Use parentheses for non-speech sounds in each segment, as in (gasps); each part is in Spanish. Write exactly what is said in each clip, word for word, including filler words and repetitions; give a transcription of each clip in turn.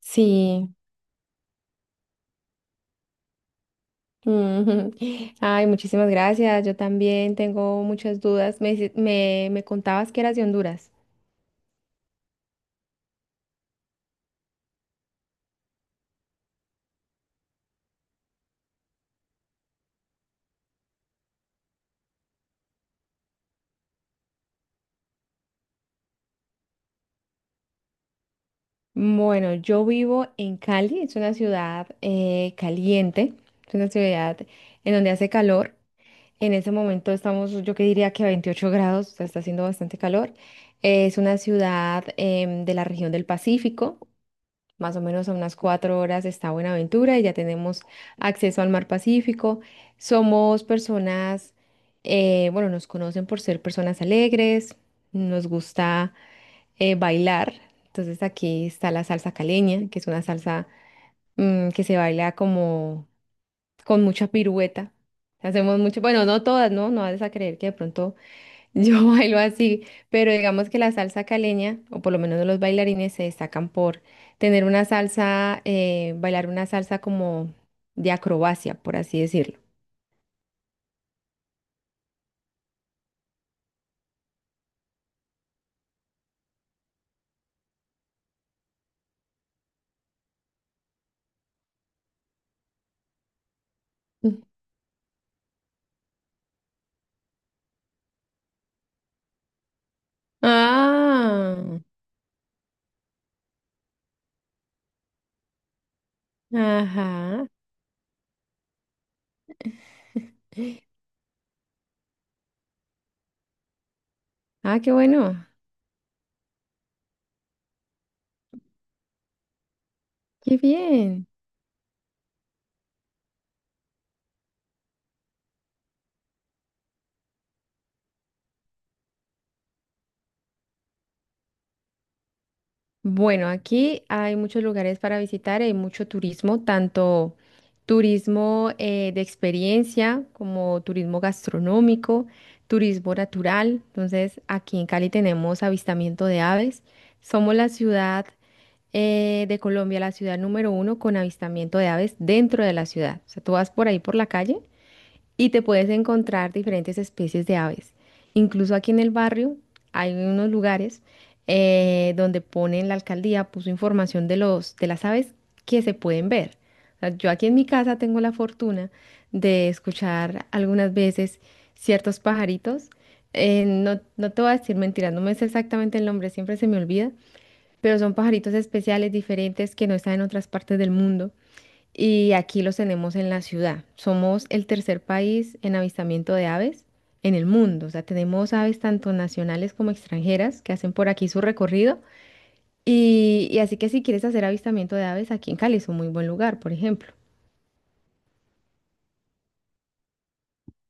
Sí. Ujú. Ay, muchísimas gracias. Yo también tengo muchas dudas. Me, dice- me, me contabas que eras de Honduras. Bueno, yo vivo en Cali, es una ciudad eh, caliente, es una ciudad en donde hace calor. En ese momento estamos, yo que diría que a veintiocho grados, o sea, está haciendo bastante calor. Eh, es una ciudad em, de la región del Pacífico. Más o menos a unas cuatro horas está Buenaventura y ya tenemos acceso al mar Pacífico. Somos personas, eh, bueno, nos conocen por ser personas alegres, nos gusta eh, bailar. Entonces aquí está la salsa caleña, que es una salsa mm, que se baila como con mucha pirueta. Hacemos mucho, bueno, no todas, ¿no? No vas a creer que de pronto yo (laughs) bailo así, pero digamos que la salsa caleña, o por lo menos los bailarines, se destacan por tener una salsa, eh, bailar una salsa como de acrobacia, por así decirlo. Mm. Ah, ajá. Ah, qué bueno. Qué bien. Bueno, aquí hay muchos lugares para visitar, hay mucho turismo, tanto turismo eh, de experiencia como turismo gastronómico, turismo natural. Entonces, aquí en Cali tenemos avistamiento de aves. Somos la ciudad eh, de Colombia, la ciudad número uno con avistamiento de aves dentro de la ciudad. O sea, tú vas por ahí por la calle y te puedes encontrar diferentes especies de aves. Incluso aquí en el barrio hay unos lugares eh, donde ponen, la alcaldía puso información de los, de las aves que se pueden ver. O sea, yo aquí en mi casa tengo la fortuna de escuchar algunas veces ciertos pajaritos. Eh, no, no te voy a decir mentiras, no me sé exactamente el nombre, siempre se me olvida, pero son pajaritos especiales, diferentes, que no están en otras partes del mundo y aquí los tenemos en la ciudad. Somos el tercer país en avistamiento de aves en el mundo. O sea, tenemos aves tanto nacionales como extranjeras que hacen por aquí su recorrido. Y, y así que si quieres hacer avistamiento de aves, aquí en Cali es un muy buen lugar, por ejemplo.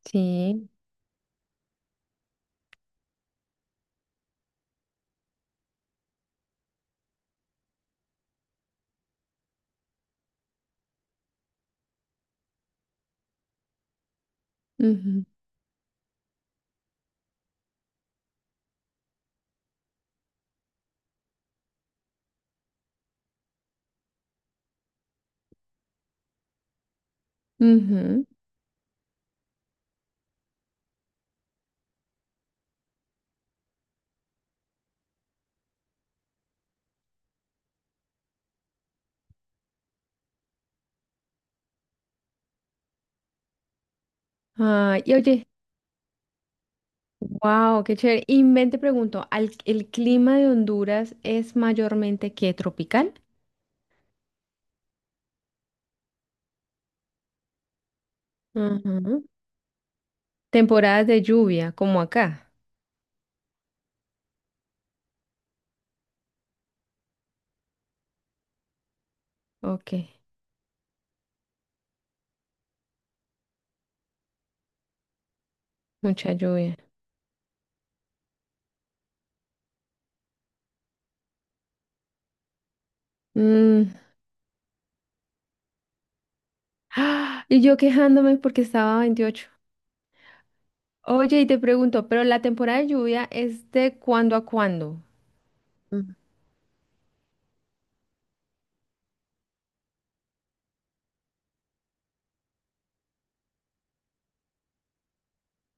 Sí. Ujú, ujú. Ay, y oye, wow, qué chévere. Y ven, te pregunto, ¿al- ¿el clima de Honduras es mayormente que tropical? Ujú. Temporadas de lluvia, como acá. Ok, mucha lluvia. Mm, (gasps) ¡ah! Y yo quejándome porque estaba a veintiocho. Oye, y te pregunto, ¿pero la temporada de lluvia es de cuándo a cuándo? Mm.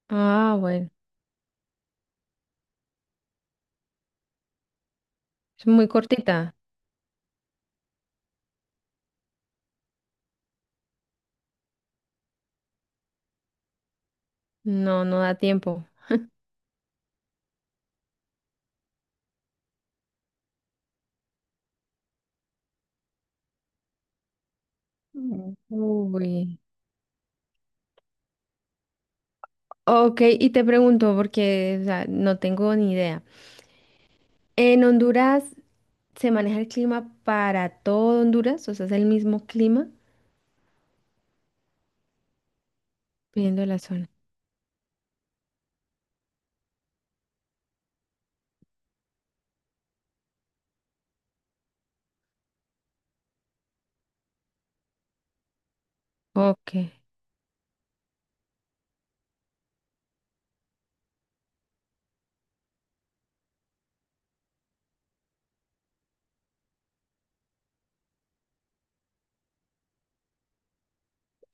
Ah, bueno, es muy cortita. No, no da tiempo. Mm. Uy. Ok, y te pregunto, porque o sea, no tengo ni idea. ¿En Honduras se maneja el clima para todo Honduras? O sea, ¿es el mismo clima, viendo la zona? Ok,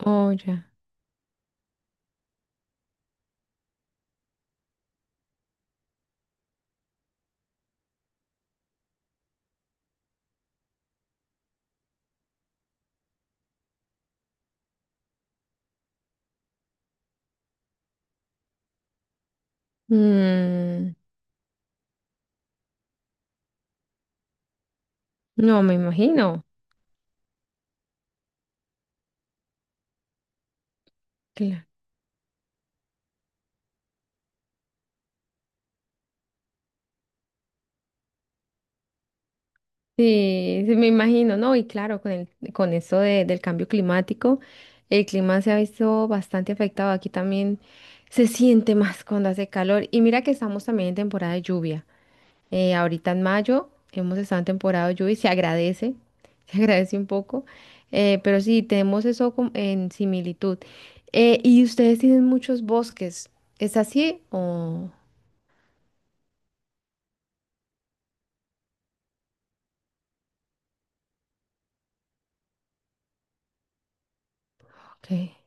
oh, ya. Mm, no me imagino. Sí, sí, me imagino, ¿no? Y claro, con el, con eso de- del cambio climático, el clima se ha visto bastante afectado. Aquí también se siente más cuando hace calor. Y mira que estamos también en temporada de lluvia. Eh, ahorita en mayo hemos estado en temporada de lluvia y se agradece, (laughs) se agradece un poco. Eh, pero sí, tenemos eso com- en similitud. Eh, y ustedes tienen muchos bosques. ¿Es así? Oh, ok.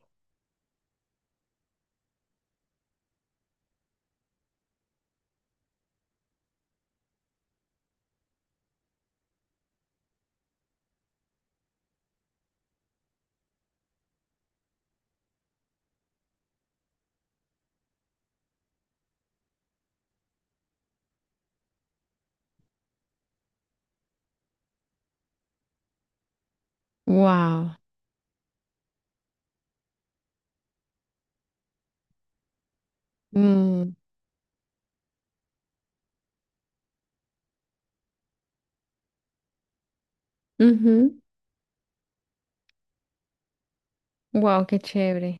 Wow. Mm, wow, qué chévere.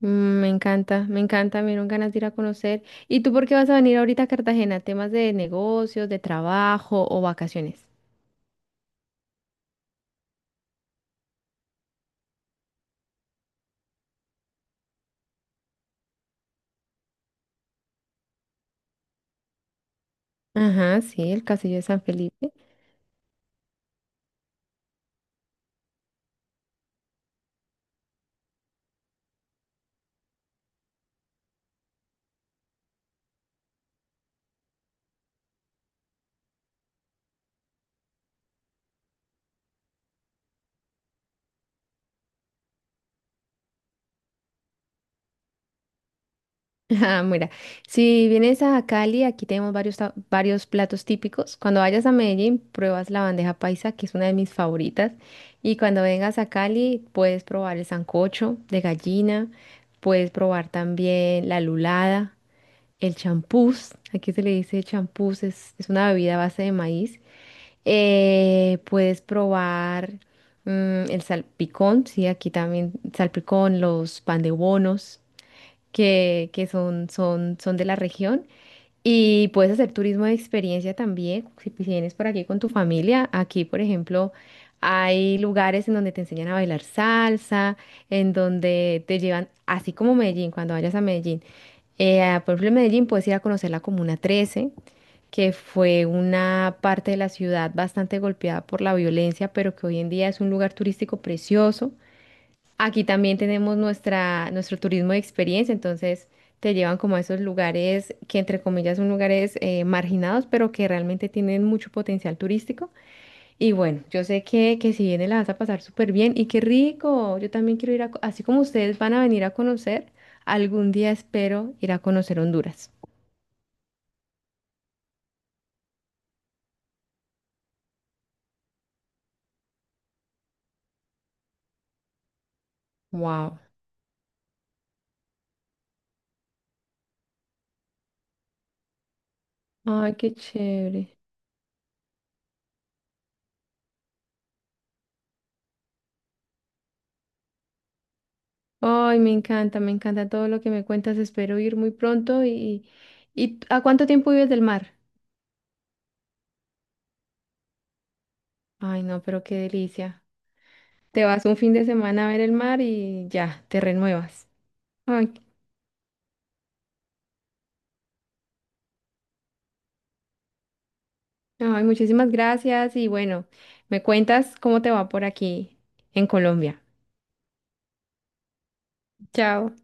Mm, me encanta, me encanta, me dieron ganas de ir a conocer. ¿Y tú por qué vas a venir ahorita a Cartagena? ¿Temas de negocios, de trabajo o vacaciones? Ajá, sí, el Castillo de San Felipe. Ah, mira, si vienes a Cali, aquí tenemos varios, ta- varios platos típicos. Cuando vayas a Medellín, pruebas la bandeja paisa, que es una de mis favoritas. Y cuando vengas a Cali, puedes probar el sancocho de gallina, puedes probar también la lulada, el champús. Aquí se le dice champús, es, es una bebida a base de maíz. Eh, puedes probar mm, el salpicón, sí, aquí también salpicón, los pan de bonos que, que son, son, son de la región. Y puedes hacer turismo de experiencia también, si pues, vienes por aquí con tu familia. Aquí, por ejemplo, hay lugares en donde te enseñan a bailar salsa, en donde te llevan, así como Medellín, cuando vayas a Medellín. Eh, ah, por ejemplo, en Medellín puedes ir a conocer la Comuna trece, que fue una parte de la ciudad bastante golpeada por la violencia, pero que hoy en día es un lugar turístico precioso. Aquí también tenemos nuestra, nuestro turismo de experiencia, entonces te llevan como a esos lugares que entre comillas son lugares eh, marginados, pero que realmente tienen mucho potencial turístico. Y bueno, yo sé que, que si vienes la vas a pasar súper bien y qué rico, yo también quiero ir a, co- así como ustedes van a venir a conocer, algún día espero ir a conocer Honduras. Wow. Ay, qué chévere. Ay, me encanta, me encanta todo lo que me cuentas, espero ir muy pronto y, y ¿a cuánto tiempo vives del mar? Ay, no, pero qué delicia. Te vas un fin de semana a ver el mar y ya, te renuevas. Ay, ay, muchísimas gracias y bueno, me cuentas cómo te va por aquí en Colombia. Chao.